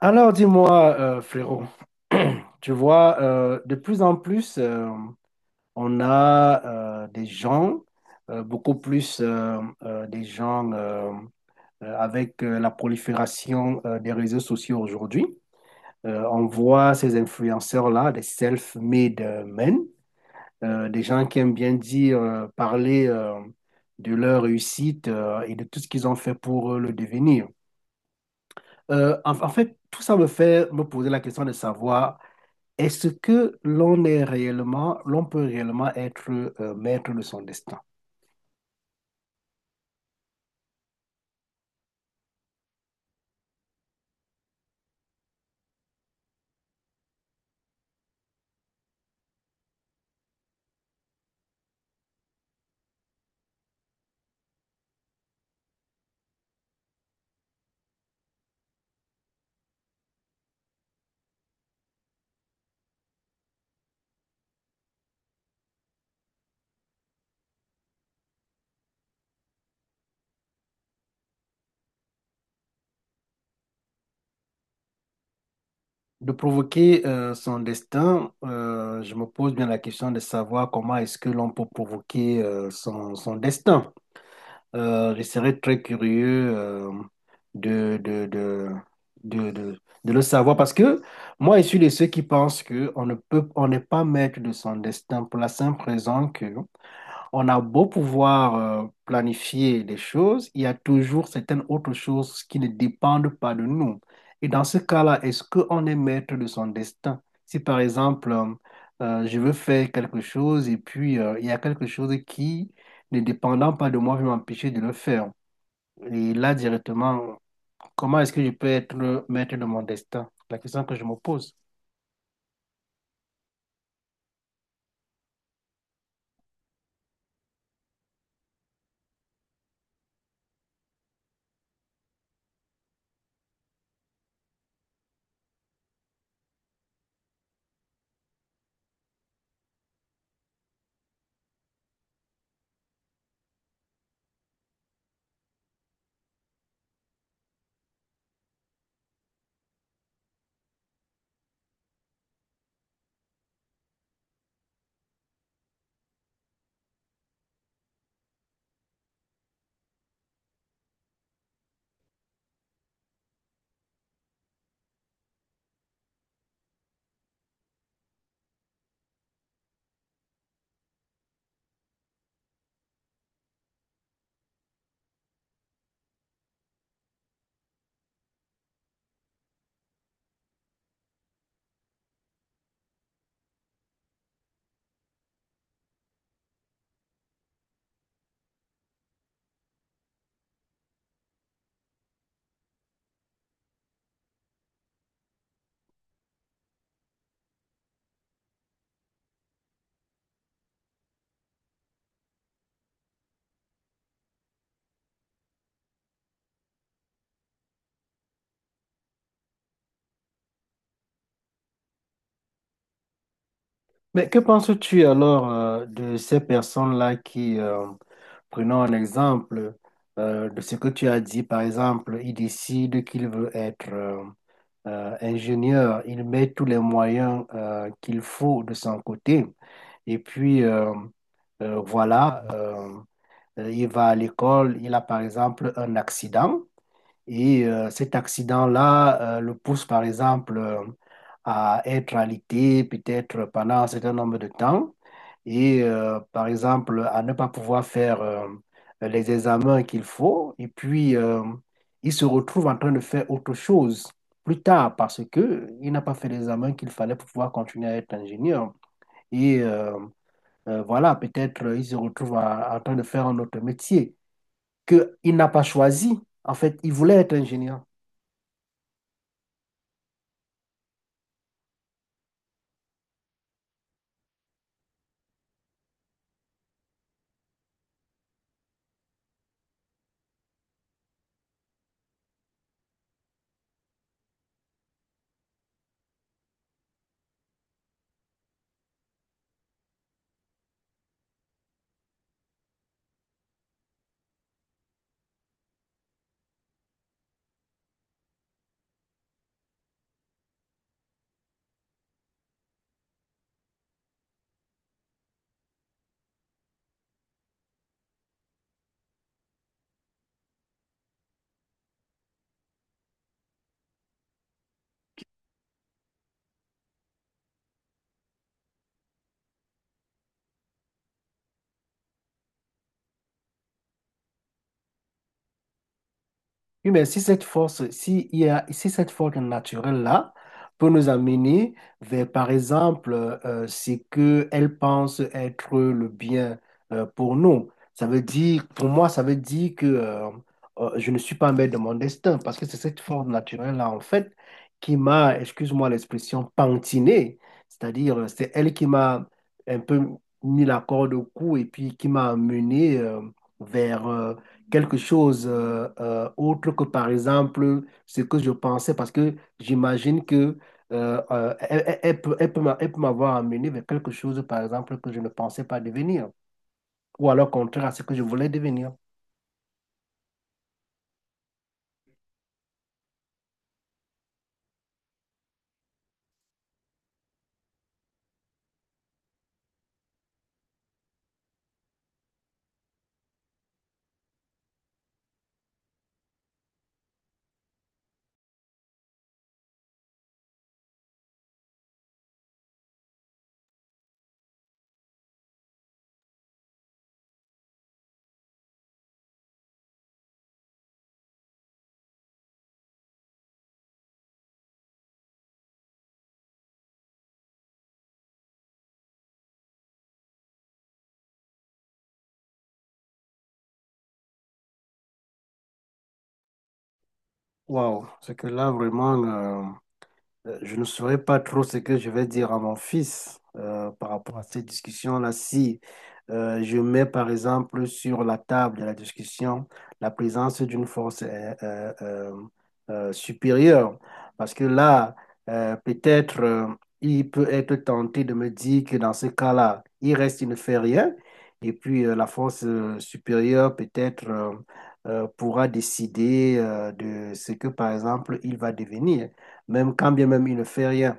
Alors dis-moi, frérot, tu vois, de plus en plus, on a des gens, beaucoup plus des gens avec la prolifération des réseaux sociaux aujourd'hui. On voit ces influenceurs-là, des self-made men, des gens qui aiment bien dire, parler de leur réussite et de tout ce qu'ils ont fait pour le devenir. En fait, tout ça me fait me poser la question de savoir. Est-ce que l'on est réellement, l'on peut réellement être maître de son destin? De provoquer son destin, je me pose bien la question de savoir comment est-ce que l'on peut provoquer son destin. Je serais très curieux de, de, de, de, de- de le savoir parce que moi, je suis de ceux qui pensent que on ne peut, on n'est pas maître de son destin pour la simple raison que on a beau pouvoir planifier les choses, il y a toujours certaines autres choses qui ne dépendent pas de nous. Et dans ce cas-là, est-ce qu'on est maître de son destin? Si par exemple, je veux faire quelque chose et puis il y a quelque chose qui, ne dépendant pas de moi, va m'empêcher de le faire. Et là, directement, comment est-ce que je peux être le maître de mon destin? La question que je me pose. Mais que penses-tu alors de ces personnes-là qui, prenons un exemple de ce que tu as dit, par exemple, il décide qu'il veut être ingénieur, il met tous les moyens qu'il faut de son côté, et puis voilà, il va à l'école, il a par exemple un accident. Et cet accident-là le pousse, par exemple, à être alité peut-être pendant un certain nombre de temps et, par exemple, à ne pas pouvoir faire les examens qu'il faut. Et puis, il se retrouve en train de faire autre chose plus tard parce qu'il n'a pas fait l'examen qu'il fallait pour pouvoir continuer à être ingénieur. Et voilà, peut-être il se retrouve à- en train de faire un autre métier qu'il n'a pas choisi. En fait, il voulait être ingénieur. Oui, mais si cette force, si, il y a, si cette force naturelle-là peut nous amener vers, par exemple, ce qu'elle pense être le bien pour nous, pour moi, ça veut dire que je ne suis pas maître de mon destin parce que c'est cette force naturelle-là, en fait, qui m'a, excuse-moi l'expression, pantiné. C'est-à-dire, c'est elle qui m'a un peu mis la corde au cou et puis qui m'a amené vers quelque chose autre que, par exemple, ce que je pensais, parce que j'imagine que elle peut elle peut m'avoir amené vers quelque chose, par exemple, que je ne pensais pas devenir, ou alors contraire à ce que je voulais devenir. Waouh, c'est que là, vraiment, je ne saurais pas trop ce que je vais dire à mon fils par rapport à cette discussion-là. Si je mets par exemple sur la table de la discussion la présence d'une force supérieure, parce que là, peut-être il peut être tenté de me dire que dans ce cas-là, il reste, il ne fait rien, et puis la force supérieure peut-être pourra décider de ce que par exemple il va devenir même quand bien même il ne fait rien.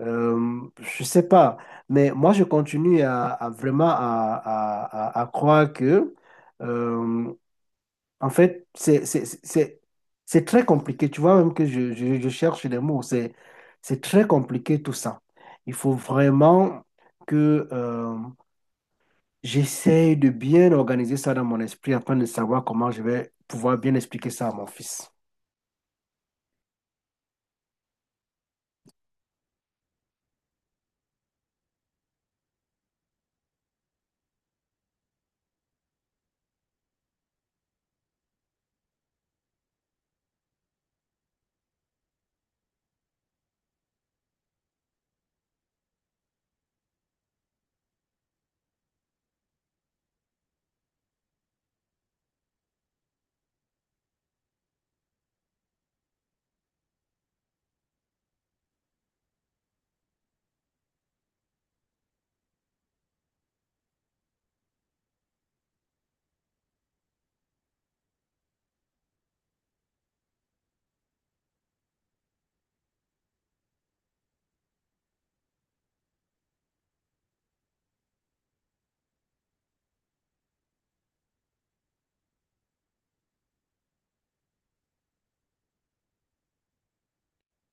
Je sais pas, mais moi je continue à vraiment à croire que, euh, en fait, c'est très compliqué. Tu vois, même que je cherche les mots, c'est très compliqué tout ça. Il faut vraiment que j'essaye de bien organiser ça dans mon esprit afin de savoir comment je vais pouvoir bien expliquer ça à mon fils.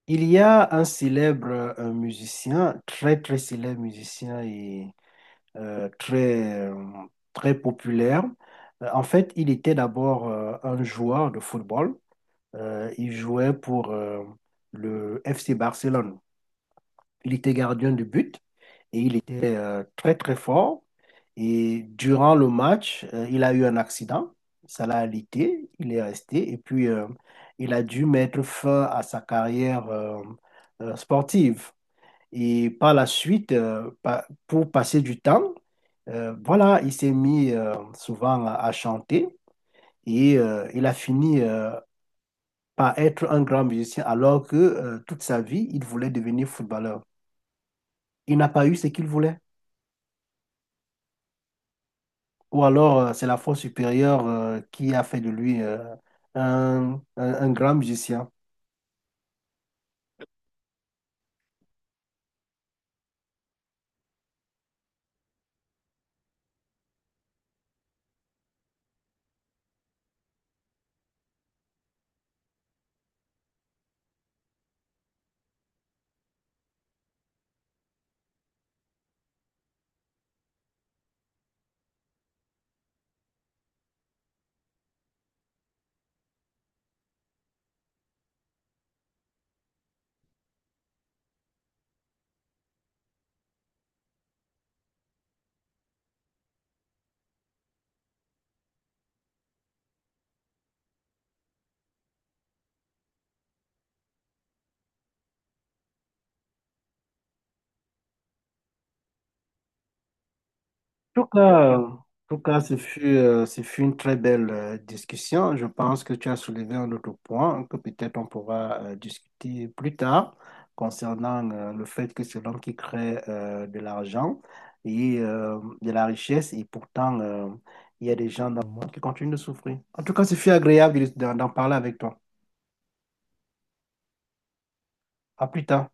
Il y a un célèbre un musicien, très très célèbre musicien et euh, très euh, très populaire. En fait, il était d'abord un joueur de football. Il jouait pour le FC Barcelone. Il était gardien de but et il était très très fort. Et durant le match, il a eu un accident, ça l'a alité, il est resté et puis il a dû mettre fin à sa carrière sportive. Et par la suite, pour passer du temps, voilà, il s'est mis souvent à chanter et il a fini par être un grand musicien alors que toute sa vie, il voulait devenir footballeur. Il n'a pas eu ce qu'il voulait. Ou alors, c'est la force supérieure qui a fait de lui un grand musicien. En tout cas, ce fut une très belle discussion. Je pense que tu as soulevé un autre point que peut-être on pourra discuter plus tard concernant le fait que c'est l'homme qui crée de l'argent et de la richesse et pourtant il y a des gens dans le monde qui continuent de souffrir. En tout cas, ce fut agréable d'en parler avec toi. À plus tard.